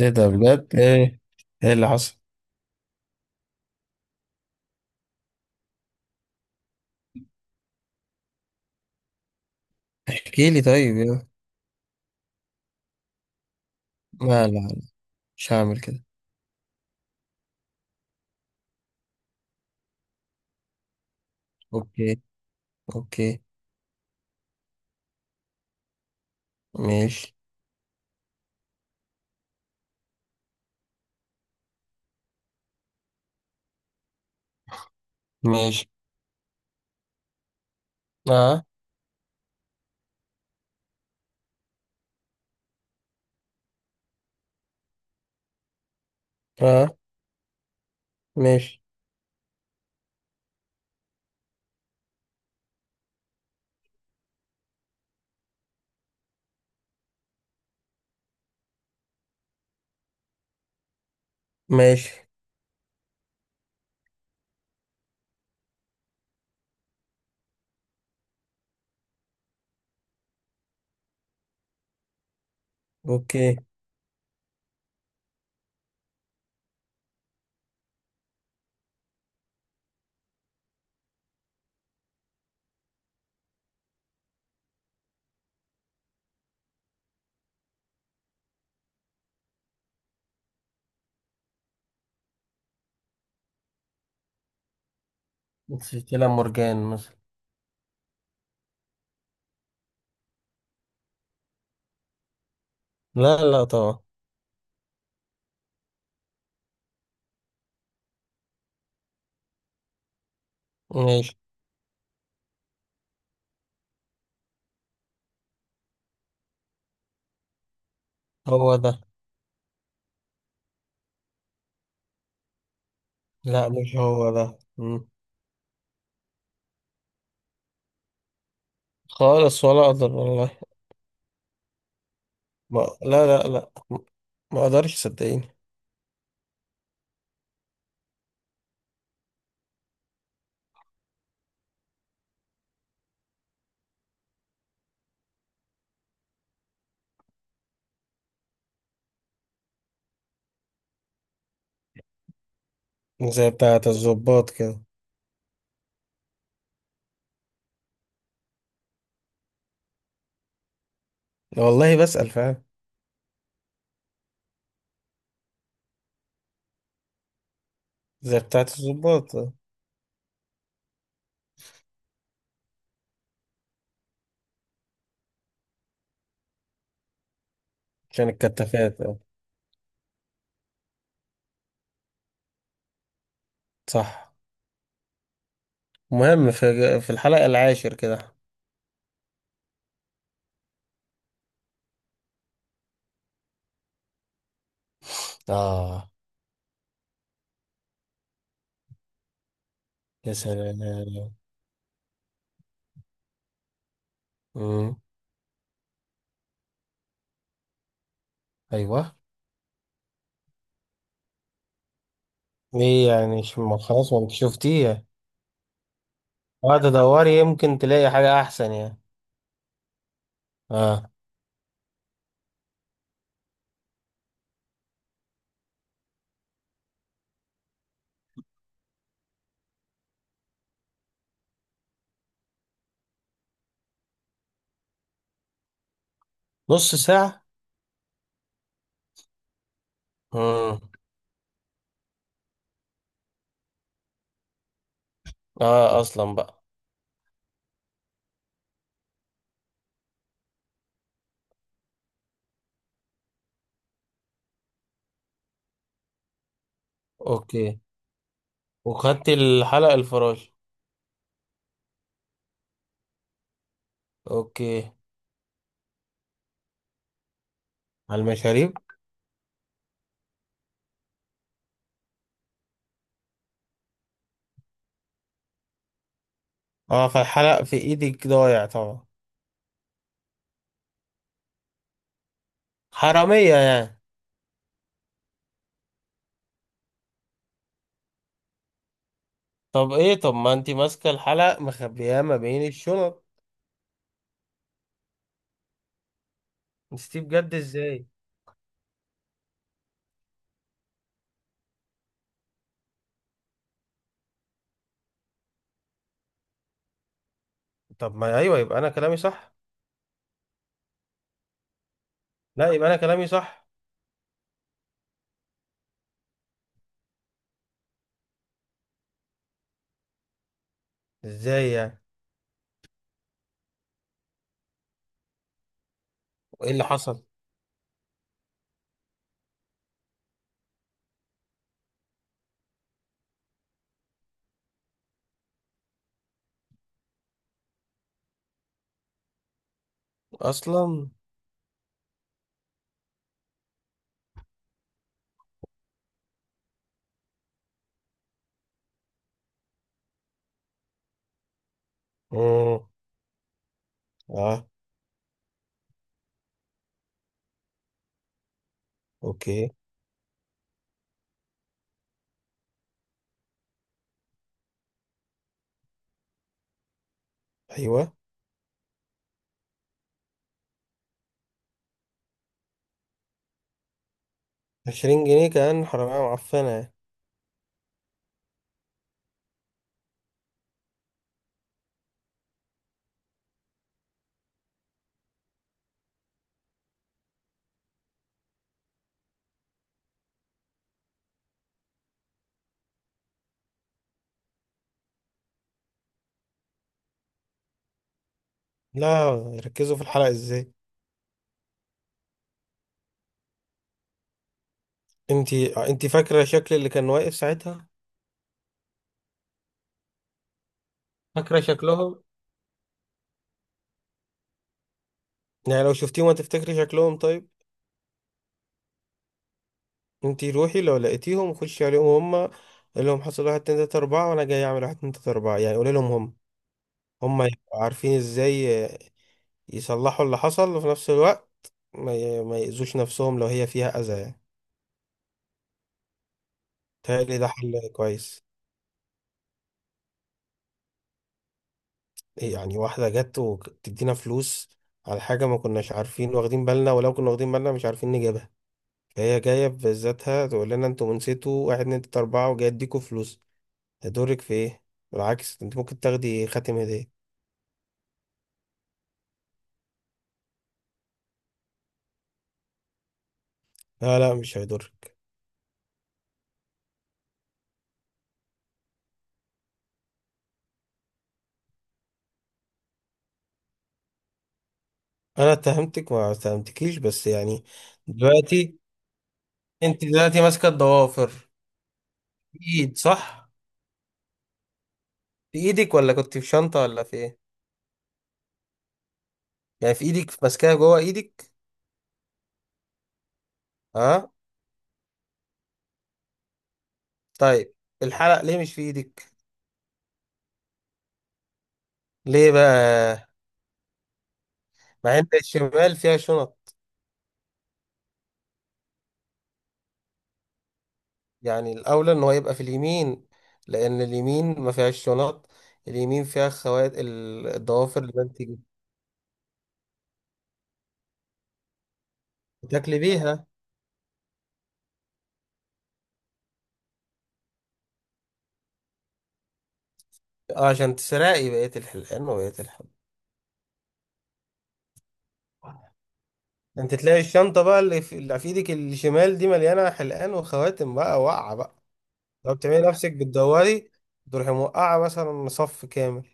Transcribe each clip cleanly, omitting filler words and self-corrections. ايه ده بجد، ايه؟ ايه اللي حصل؟ احكي لي طيب يا. لا لا لا، مش هعمل كده. اوكي. اوكي. ماشي. ماشي. اه. اه. ماشي. ماشي. اوكي. سلسلة مورجان مثلا؟ لا لا طبعا. ماشي. هو ده. لا، مش هو ده. مم. خالص، ولا اقدر والله. ما لا لا لا، ما اقدرش صدقيني. زي بتاعة الضباط كده؟ والله بسأل فعلا. زي بتاعة الضباط آه. عشان الكتافات آه. صح. مهم، في الحلقة العاشر كده. اه. يا سلام. مم. ايوه. ليه يعني ما خلاص، ما انت شفتيه. قاعد ادوري يمكن تلاقي حاجة احسن يعني. اه. نص ساعة. مم. اه اصلا بقى. اوكي. وخدت الحلق الفراشي؟ اوكي. على المشاريب. اه، فالحلق في ايدك ضايع طبعا. حرامية يعني؟ طب ايه؟ طب ما انتي ماسكة الحلق مخبياه ما بين الشنط. نسيتيه بجد ازاي؟ طب ما ايوه، يبقى انا كلامي صح. لا، يبقى انا كلامي صح. ازاي يعني؟ وايه اللي حصل اصلا؟ مم. اه. اوكي. ايوه. 20 جنيه كان حرامية معفنة يعني. لا، ركزوا في الحلقة ازاي؟ انتي فاكرة شكل اللي كان واقف ساعتها؟ فاكرة شكلهم؟ يعني لو شفتيهم هتفتكري شكلهم طيب؟ انتي روحي لو لقيتيهم خشي عليهم هما. قول لهم حصل واحد اتنين تلاتة أربعة، وأنا جاي أعمل واحد اتنين تلاتة أربعة يعني، قولي لهم هم. هما يبقوا عارفين ازاي يصلحوا اللي حصل، وفي نفس الوقت ما يأذوش نفسهم لو هي فيها أذى يعني. تهيألي ده حل كويس. إيه يعني؟ واحدة جت وتدينا فلوس على حاجة ما كناش عارفين واخدين بالنا، ولو كنا واخدين بالنا مش عارفين نجيبها. هي جاية في ذاتها تقول لنا انتوا نسيتوا واحد اتنين تلاتة أربعة وجاي اديكوا فلوس، هيضرك في ايه؟ بالعكس، انت ممكن تاخدي خاتم هدية. لا لا، مش هيضرك. أنا اتهمتك؟ ما اتهمتكيش، بس يعني. دلوقتي، انت دلوقتي ماسكة الضوافر في ايد، صح؟ في ايدك ولا كنت في شنطة ولا في ايه؟ يعني في ايدك ماسكاها جوه ايدك؟ اه. طيب. الحلق ليه مش في ايدك؟ ليه بقى؟ مع ان الشمال فيها شنط. يعني الأولى إن هو يبقى في اليمين، لأن اليمين ما فيهاش شنط. اليمين فيها خوات الضوافر اللي بنتي بتاكلي بيها. آه، عشان تسرقي بقية الحلقان وبقية الحب. أنت تلاقي الشنطة بقى، اللي في إيدك الشمال دي مليانة حلقان وخواتم بقى واقعة بقى. لو بتعملي نفسك بتدوري، تروحي موقعة مثلا صف كامل.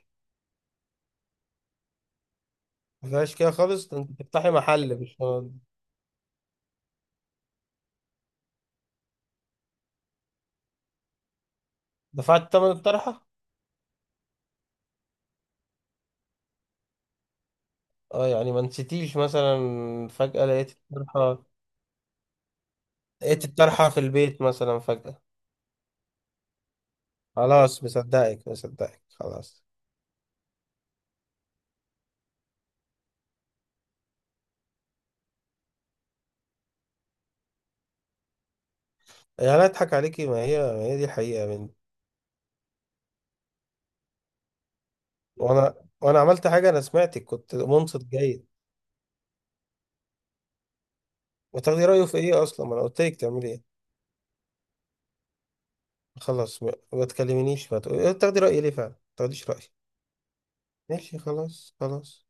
ما فيهاش كده خالص، ده أنت تفتحي محل مش. دفعت تمن الطرحة؟ اه، يعني ما نسيتيش مثلا فجأة لقيت الطرحة؟ لقيت الطرحة في البيت مثلا فجأة؟ خلاص مصدقك مصدقك خلاص. يا لا اضحك عليكي، ما هي دي الحقيقة مني. وانا وانا عملت حاجة؟ انا سمعتك، كنت منصت جيد. وتاخدي رأيه في ايه اصلا؟ ما انا قلت لك تعملي ايه. خلاص ما تكلمنيش، ما تقولي تاخدي رأيي ليه فعلا، ما تاخديش رأيي. ماشي خلاص خلاص.